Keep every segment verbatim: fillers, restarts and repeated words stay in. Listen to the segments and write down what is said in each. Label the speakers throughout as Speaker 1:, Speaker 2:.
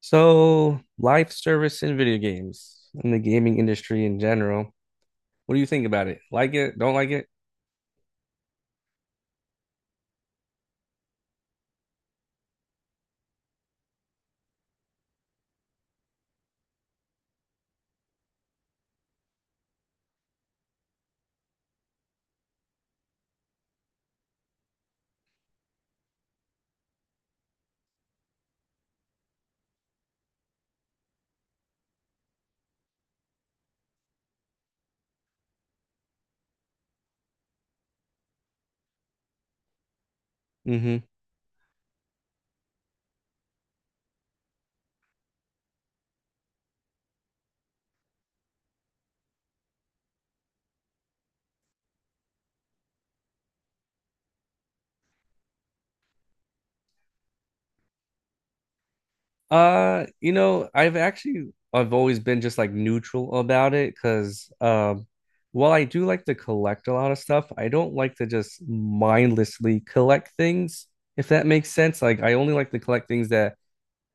Speaker 1: So, life service in video games, in the gaming industry in general. What do you think about it? Like it? Don't like it? Hmm. Uh, you know, I've actually I've always been just like neutral about it because um while I do like to collect a lot of stuff, I don't like to just mindlessly collect things, if that makes sense. Like I only like to collect things that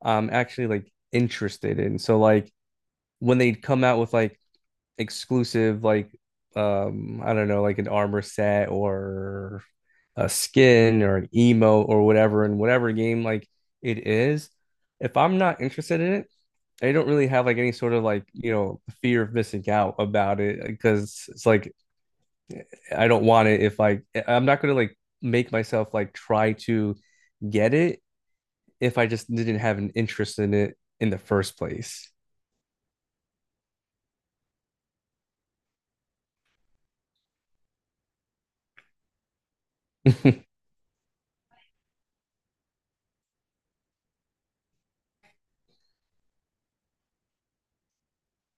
Speaker 1: I'm actually like interested in. So like when they come out with like exclusive like um I don't know like an armor set or a skin or an emote or whatever in whatever game like it is, if I'm not interested in it, I don't really have like any sort of like you know fear of missing out about it because it's like I don't want it if like, I I'm not gonna like make myself like try to get it if I just didn't have an interest in it in the first place.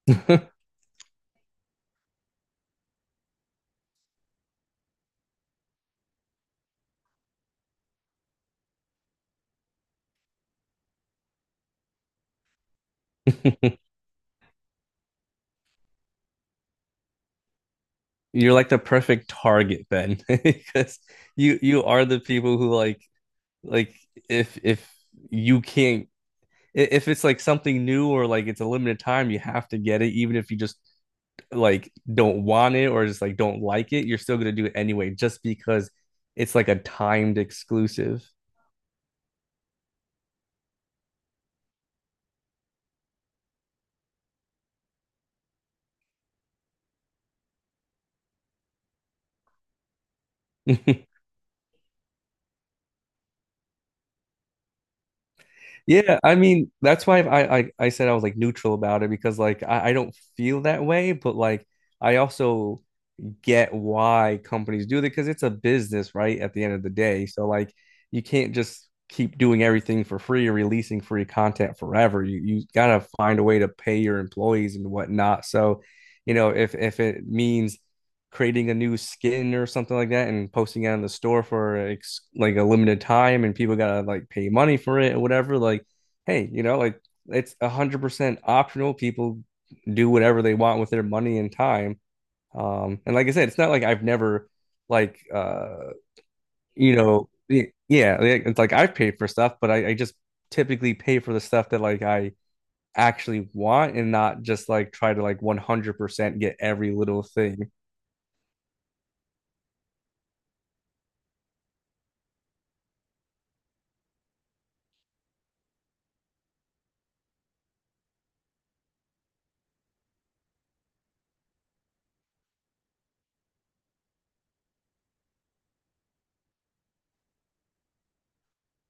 Speaker 1: You're like the perfect target, Ben, because you you are the people who like like if if you can't if it's like something new or like it's a limited time, you have to get it, even if you just like don't want it or just like don't like it, you're still gonna do it anyway, just because it's like a timed exclusive. Yeah, I mean, that's why I, I I said I was like neutral about it because like I, I don't feel that way, but like I also get why companies do that because it's a business, right? At the end of the day. So like you can't just keep doing everything for free or releasing free content forever. You you gotta find a way to pay your employees and whatnot. So, you know, if if it means creating a new skin or something like that and posting it on the store for ex- like a limited time and people gotta like pay money for it or whatever, like, hey, you know, like it's a hundred percent optional. People do whatever they want with their money and time. Um, and like I said, it's not like I've never like uh you know y- yeah, like- it's like I've paid for stuff, but I, I just typically pay for the stuff that like I actually want and not just like try to like one hundred percent get every little thing.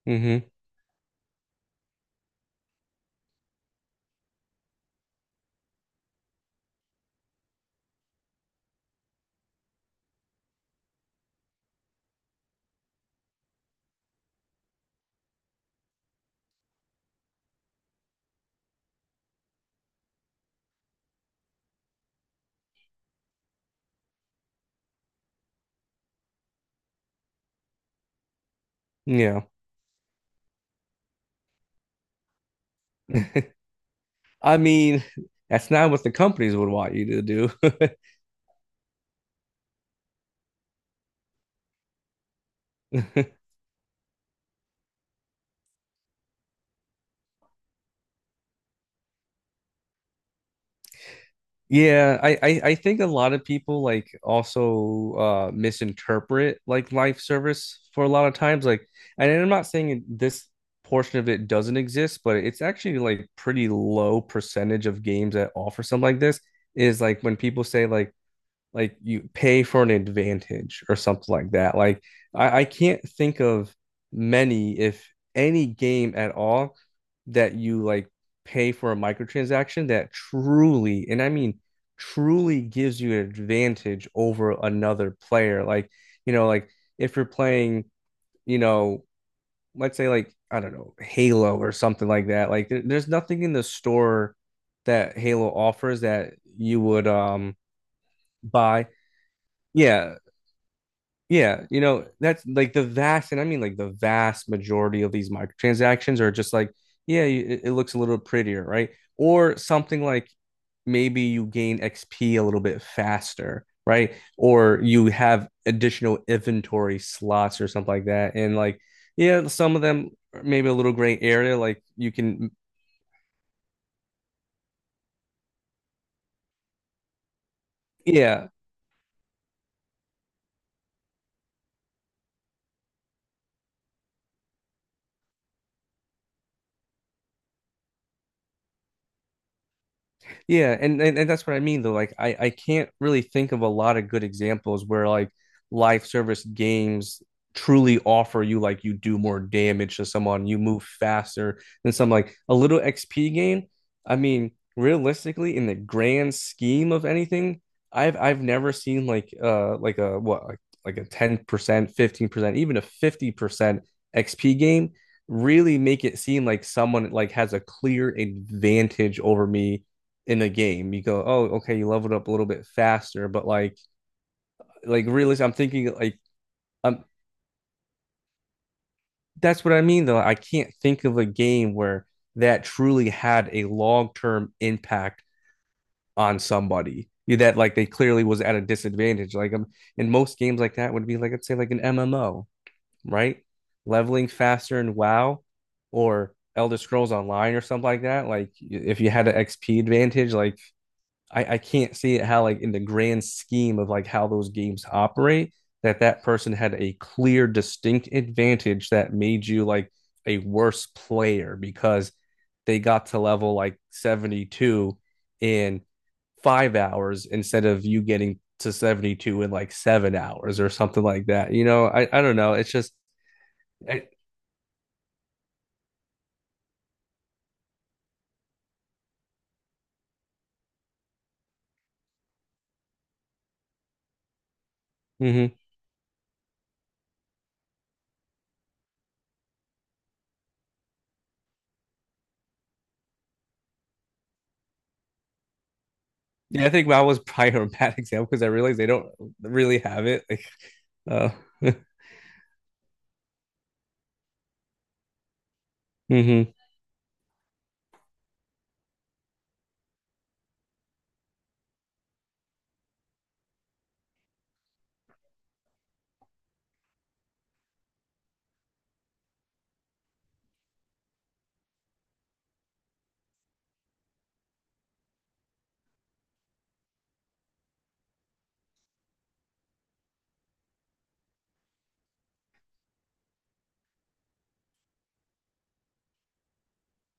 Speaker 1: Hmm. Yeah. I mean, that's not what the companies would want you to do. Yeah, I, I I think a lot of people like also uh misinterpret like life service for a lot of times like and I'm not saying it- this portion of it doesn't exist, but it's actually like pretty low percentage of games that offer something like this is like when people say like like you pay for an advantage or something like that. Like I, I can't think of many, if any game at all, that you like pay for a microtransaction that truly, and I mean truly gives you an advantage over another player. Like, you know, like if you're playing, you know, let's say like, I don't know, Halo or something like that. Like there, there's nothing in the store that Halo offers that you would um buy. Yeah, yeah, you know, that's like the vast, and I mean like the vast majority of these microtransactions are just like, yeah, you- it, it looks a little prettier, right? Or something like maybe you gain X P a little bit faster, right? Or you have additional inventory slots or something like that. And like, yeah, some of them are maybe a little gray area, like you can, yeah. Yeah, and, and and that's what I mean though. Like I I can't really think of a lot of good examples where like live service games truly offer you like you do more damage to someone, you move faster than some like a little X P game. I mean, realistically, in the grand scheme of anything, I've I've never seen like uh like a what like like a ten percent, fifteen percent, even a fifty percent X P game really make it seem like someone like has a clear advantage over me in a game. You go, oh, okay, you leveled up a little bit faster, but like, like really, I'm thinking like, um, that's what I mean though. I can't think of a game where that truly had a long term impact on somebody that like they clearly was at a disadvantage. Like um, in most games like that would be like I'd say like an M M O, right? Leveling faster in WoW or Elder Scrolls Online or something like that. Like if you had an X P advantage, like I, I can't see it how like in the grand scheme of like how those games operate that that person had a clear distinct advantage that made you like a worse player because they got to level like seventy two in five hours instead of you getting to seventy two in like seven hours or something like that you know i, I don't know it's just I, mm-hmm. Yeah I think that was probably a bad example because I realized they don't really have it like uh, mm-hmm.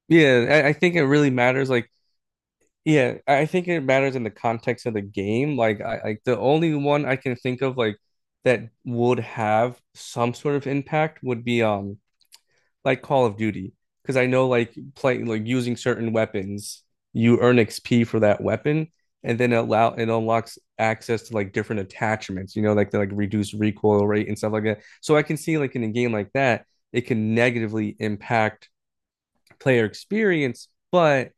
Speaker 1: Yeah, I, I think it really matters. Like, yeah, I I think it matters in the context of the game. Like, I like the only one I can think of like that would have some sort of impact would be um like Call of Duty, because I know like playing like using certain weapons, you earn X P for that weapon, and then it allow it unlocks access to like different attachments. You know, like the like reduced recoil rate and stuff like that. So I can see like in a game like that, it can negatively impact player experience, but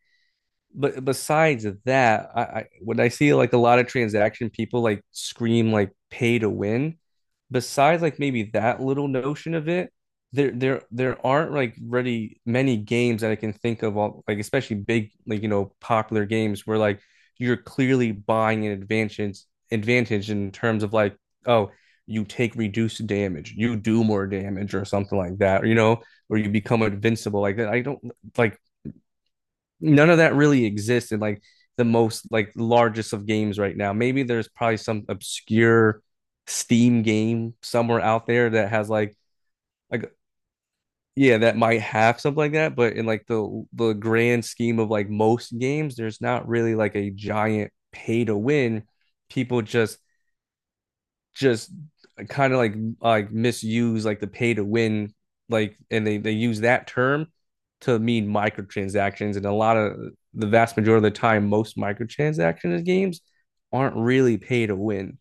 Speaker 1: but besides that, I, I when I see like a lot of transaction people like scream like pay to win, besides like maybe that little notion of it, there there there aren't like really many games that I can think of all like especially big like you know popular games where like you're clearly buying an advantage advantage in terms of like oh you take reduced damage, you do more damage or something like that, or you know, or you become invincible like that. I don't like none of that really exists in like the most like largest of games right now. Maybe there's probably some obscure Steam game somewhere out there that has like like yeah, that might have something like that, but in like the the grand scheme of like most games, there's not really like a giant pay to win. People just just kind of like like misuse like the pay to win like and they they use that term to mean microtransactions and a lot of the vast majority of the time most microtransactions games aren't really pay to win.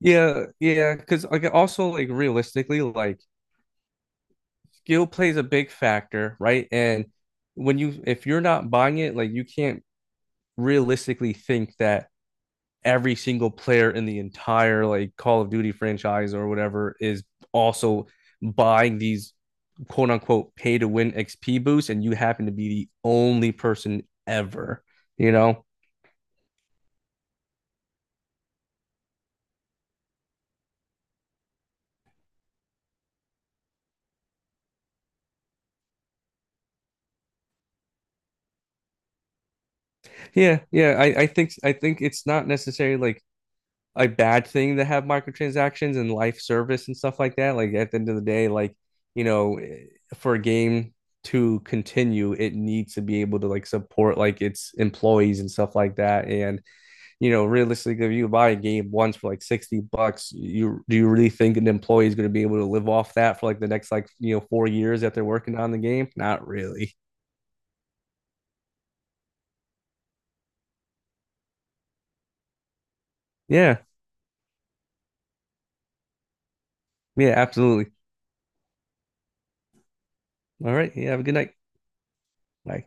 Speaker 1: Yeah, yeah, because like also like realistically like skill plays a big factor, right? And when you if you're not buying it, like you can't realistically think that every single player in the entire like Call of Duty franchise or whatever is also buying these quote unquote pay to win X P boosts and you happen to be the only person ever, you know? Yeah, yeah. I, I think I think it's not necessarily like a bad thing to have microtransactions and life service and stuff like that. Like at the end of the day, like, you know, eh, for a game to continue, it needs to be able to like support like its employees and stuff like that. And, you know, realistically, if you buy a game once for like sixty bucks, you do you really think an employee is going to be able to live off that for like the next like, you know, four years that they're working on the game? Not really. Yeah. Yeah, absolutely. All right. Yeah, have a good night. Bye.